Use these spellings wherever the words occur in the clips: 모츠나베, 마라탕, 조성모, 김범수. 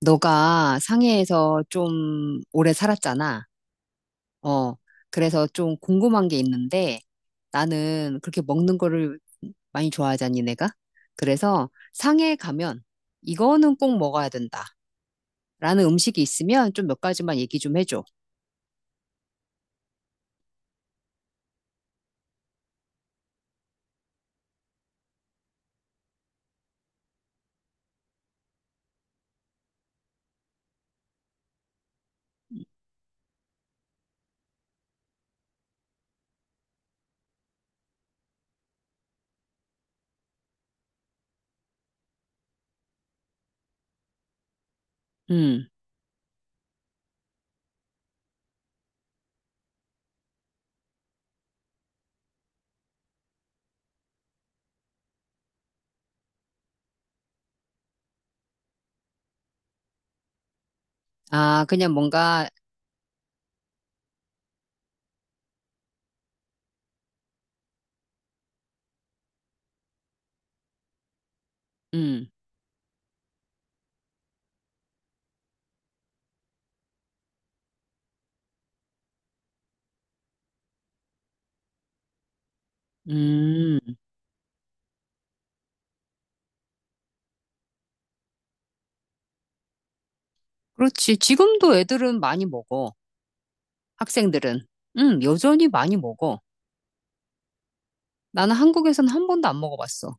너가 상해에서 좀 오래 살았잖아. 어, 그래서 좀 궁금한 게 있는데 나는 그렇게 먹는 거를 많이 좋아하잖니, 내가. 그래서 상해에 가면 이거는 꼭 먹어야 된다. 라는 음식이 있으면 좀 몇 가지만 얘기 좀 해줘. 음, 아, 그냥 뭔가, 음, 음. 그렇지. 지금도 애들은 많이 먹어. 학생들은. 여전히 많이 먹어. 나는 한국에서는 한 번도 안 먹어봤어.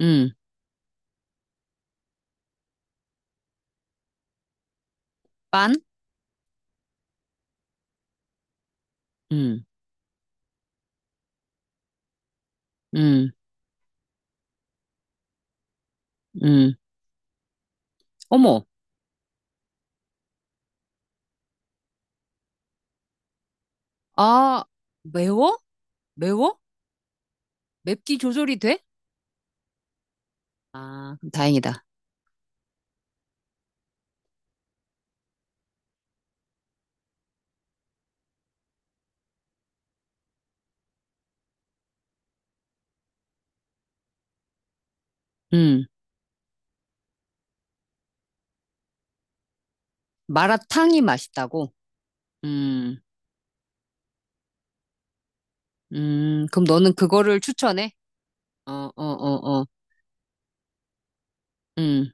음, 빤? 음. 음. 음. 어머, 아, 매워? 매워? 맵기 조절이 돼? 아, 그럼 다행이다. 음. 마라탕이 맛있다고? 음, 그럼 너는 그거를 추천해? 어, 어, 어, 어. 음.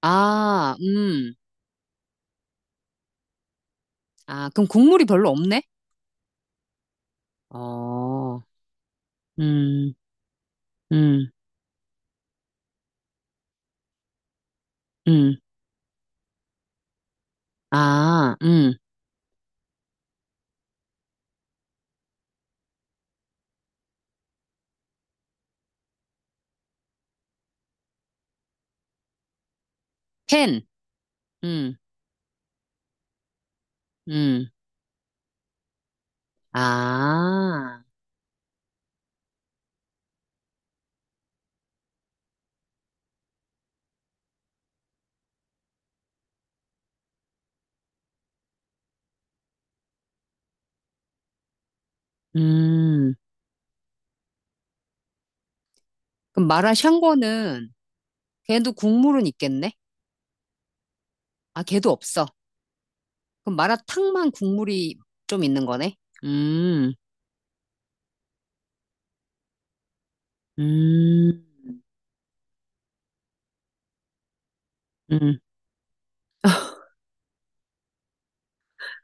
아, 아, 그럼 국물이 별로 없네? 어, 음, 음, 음. 아, 팬. 음, 음. 아, 음. 그럼 마라샹궈는 걔도 국물은 있겠네? 아, 걔도 없어. 그럼 마라탕만 국물이 좀 있는 거네? 음, 음, 음.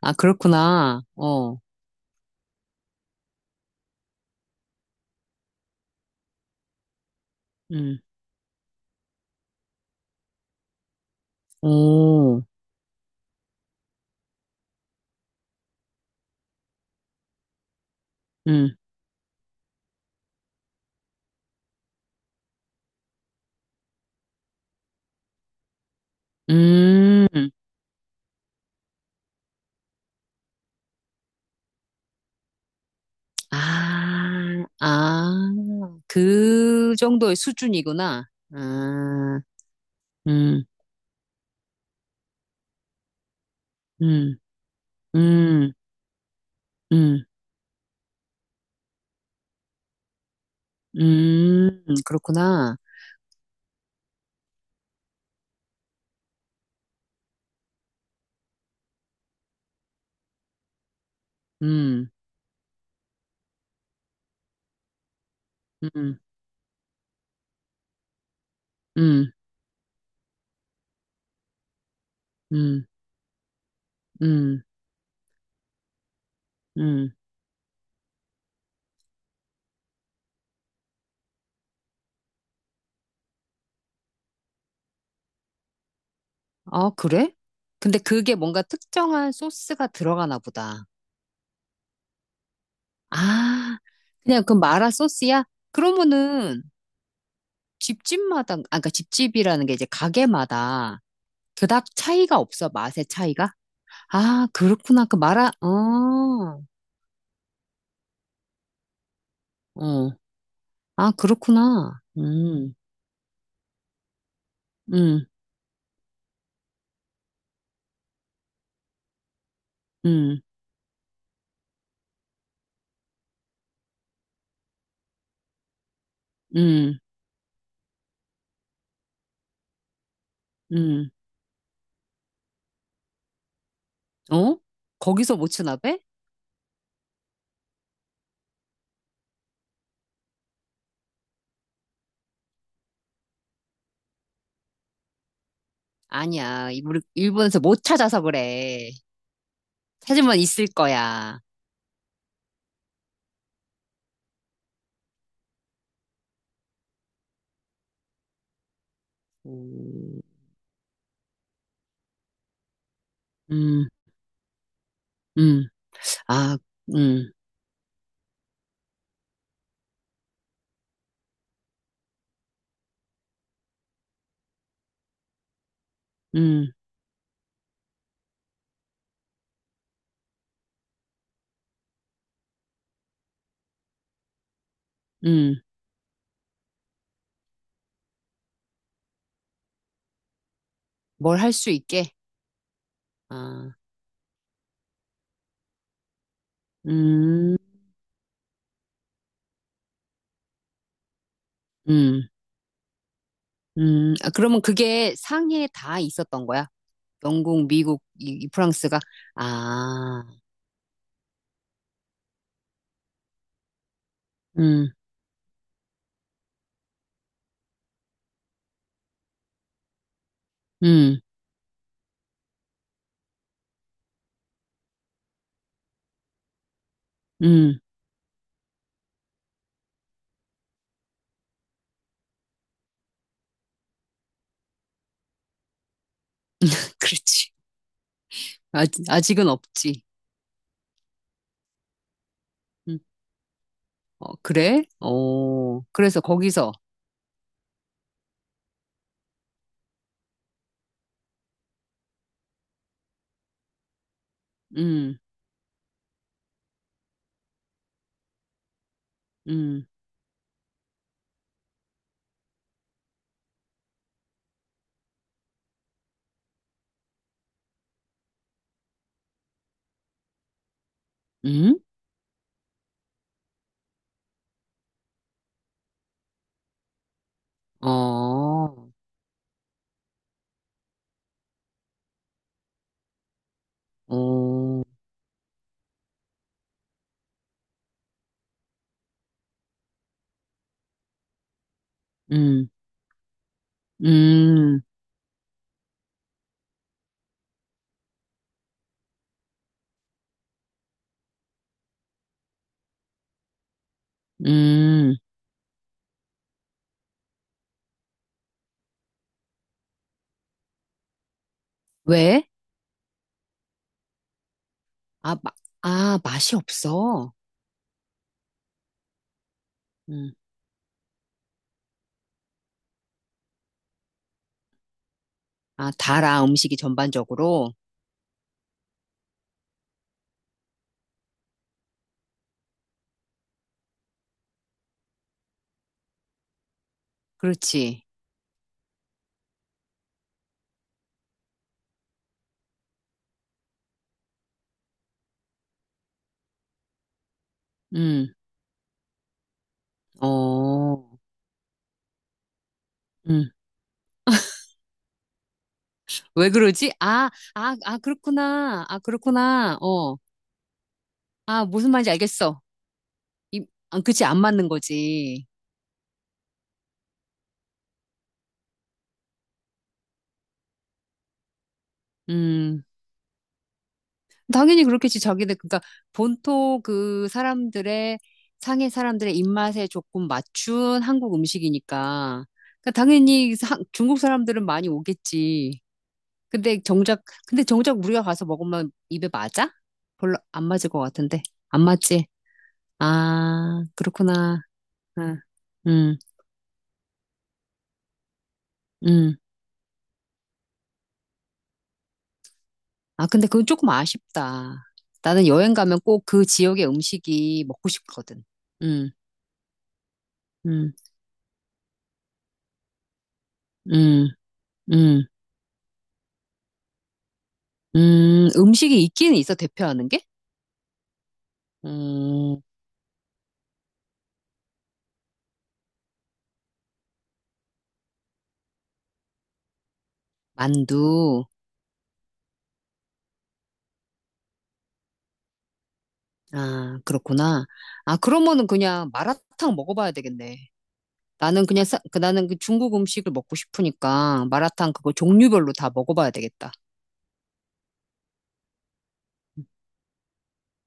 아, 그렇구나. 어, 음, 오, 음, 음. 아, 아, 그 정도의 수준이구나. 아, 음, 음, 음, 음, 음, 그렇구나. 음, 음, 음, 음, 음, 음. 아, 그래? 근데 그게 뭔가 특정한 소스가 들어가나 보다. 아, 그냥 그 마라 소스야? 그러면은 집집마다, 아까 그러니까 집집이라는 게 이제 가게마다 그닥 차이가 없어, 맛의 차이가? 아, 그렇구나. 그 마라, 어, 어, 아, 그렇구나. 음, 음, 음, 음, 어? 거기서 모츠나베? 아니야. 이- 우리 일본에서 못 찾아서 그래. 찾으면 있을 거야. 음, 음, 음. 아, 음, 음, 음. 뭘 할 수 있게. 아, 음, 음, 아, 그러면 그게 상해에 다 있었던 거야? 영국, 미국, 이, 이 프랑스가? 아, 음, 음, 음. 그렇지. 아직, 아직은 없지. 음. 어, 그래? 어, 그래서 거기서, 음, 음, 음? 어, 어, 음, 음, 음. 왜? 아, 마, 아, 맛이 없어. 음. 아, 달아, 음식이 전반적으로. 그렇지. 음, 어, 음. 왜 그러지? 아, 아, 아, 그렇구나. 아, 그렇구나. 어, 아, 무슨 말인지 알겠어. 이, 아, 그치, 안 맞는 거지. 음, 당연히 그렇겠지. 자기들, 그러니까 본토 그 사람들의, 상해 사람들의 입맛에 조금 맞춘 한국 음식이니까. 그러니까 당연히 사- 중국 사람들은 많이 오겠지. 근데 정작, 근데 정작 우리가 가서 먹으면 입에 맞아? 별로 안 맞을 것 같은데. 안 맞지? 아, 그렇구나. 응, 응, 응. 아, 근데 그건 조금 아쉽다. 나는 여행 가면 꼭 그 지역의 음식이 먹고 싶거든. 응, 응, 응, 응, 응. 음식이 있긴 있어, 대표하는 게? 음, 만두. 아, 그렇구나. 아, 그러면은 그냥 마라탕 먹어봐야 되겠네. 나는 그냥, 사- 그 나는 그 중국 음식을 먹고 싶으니까 마라탕 그거 종류별로 다 먹어봐야 되겠다.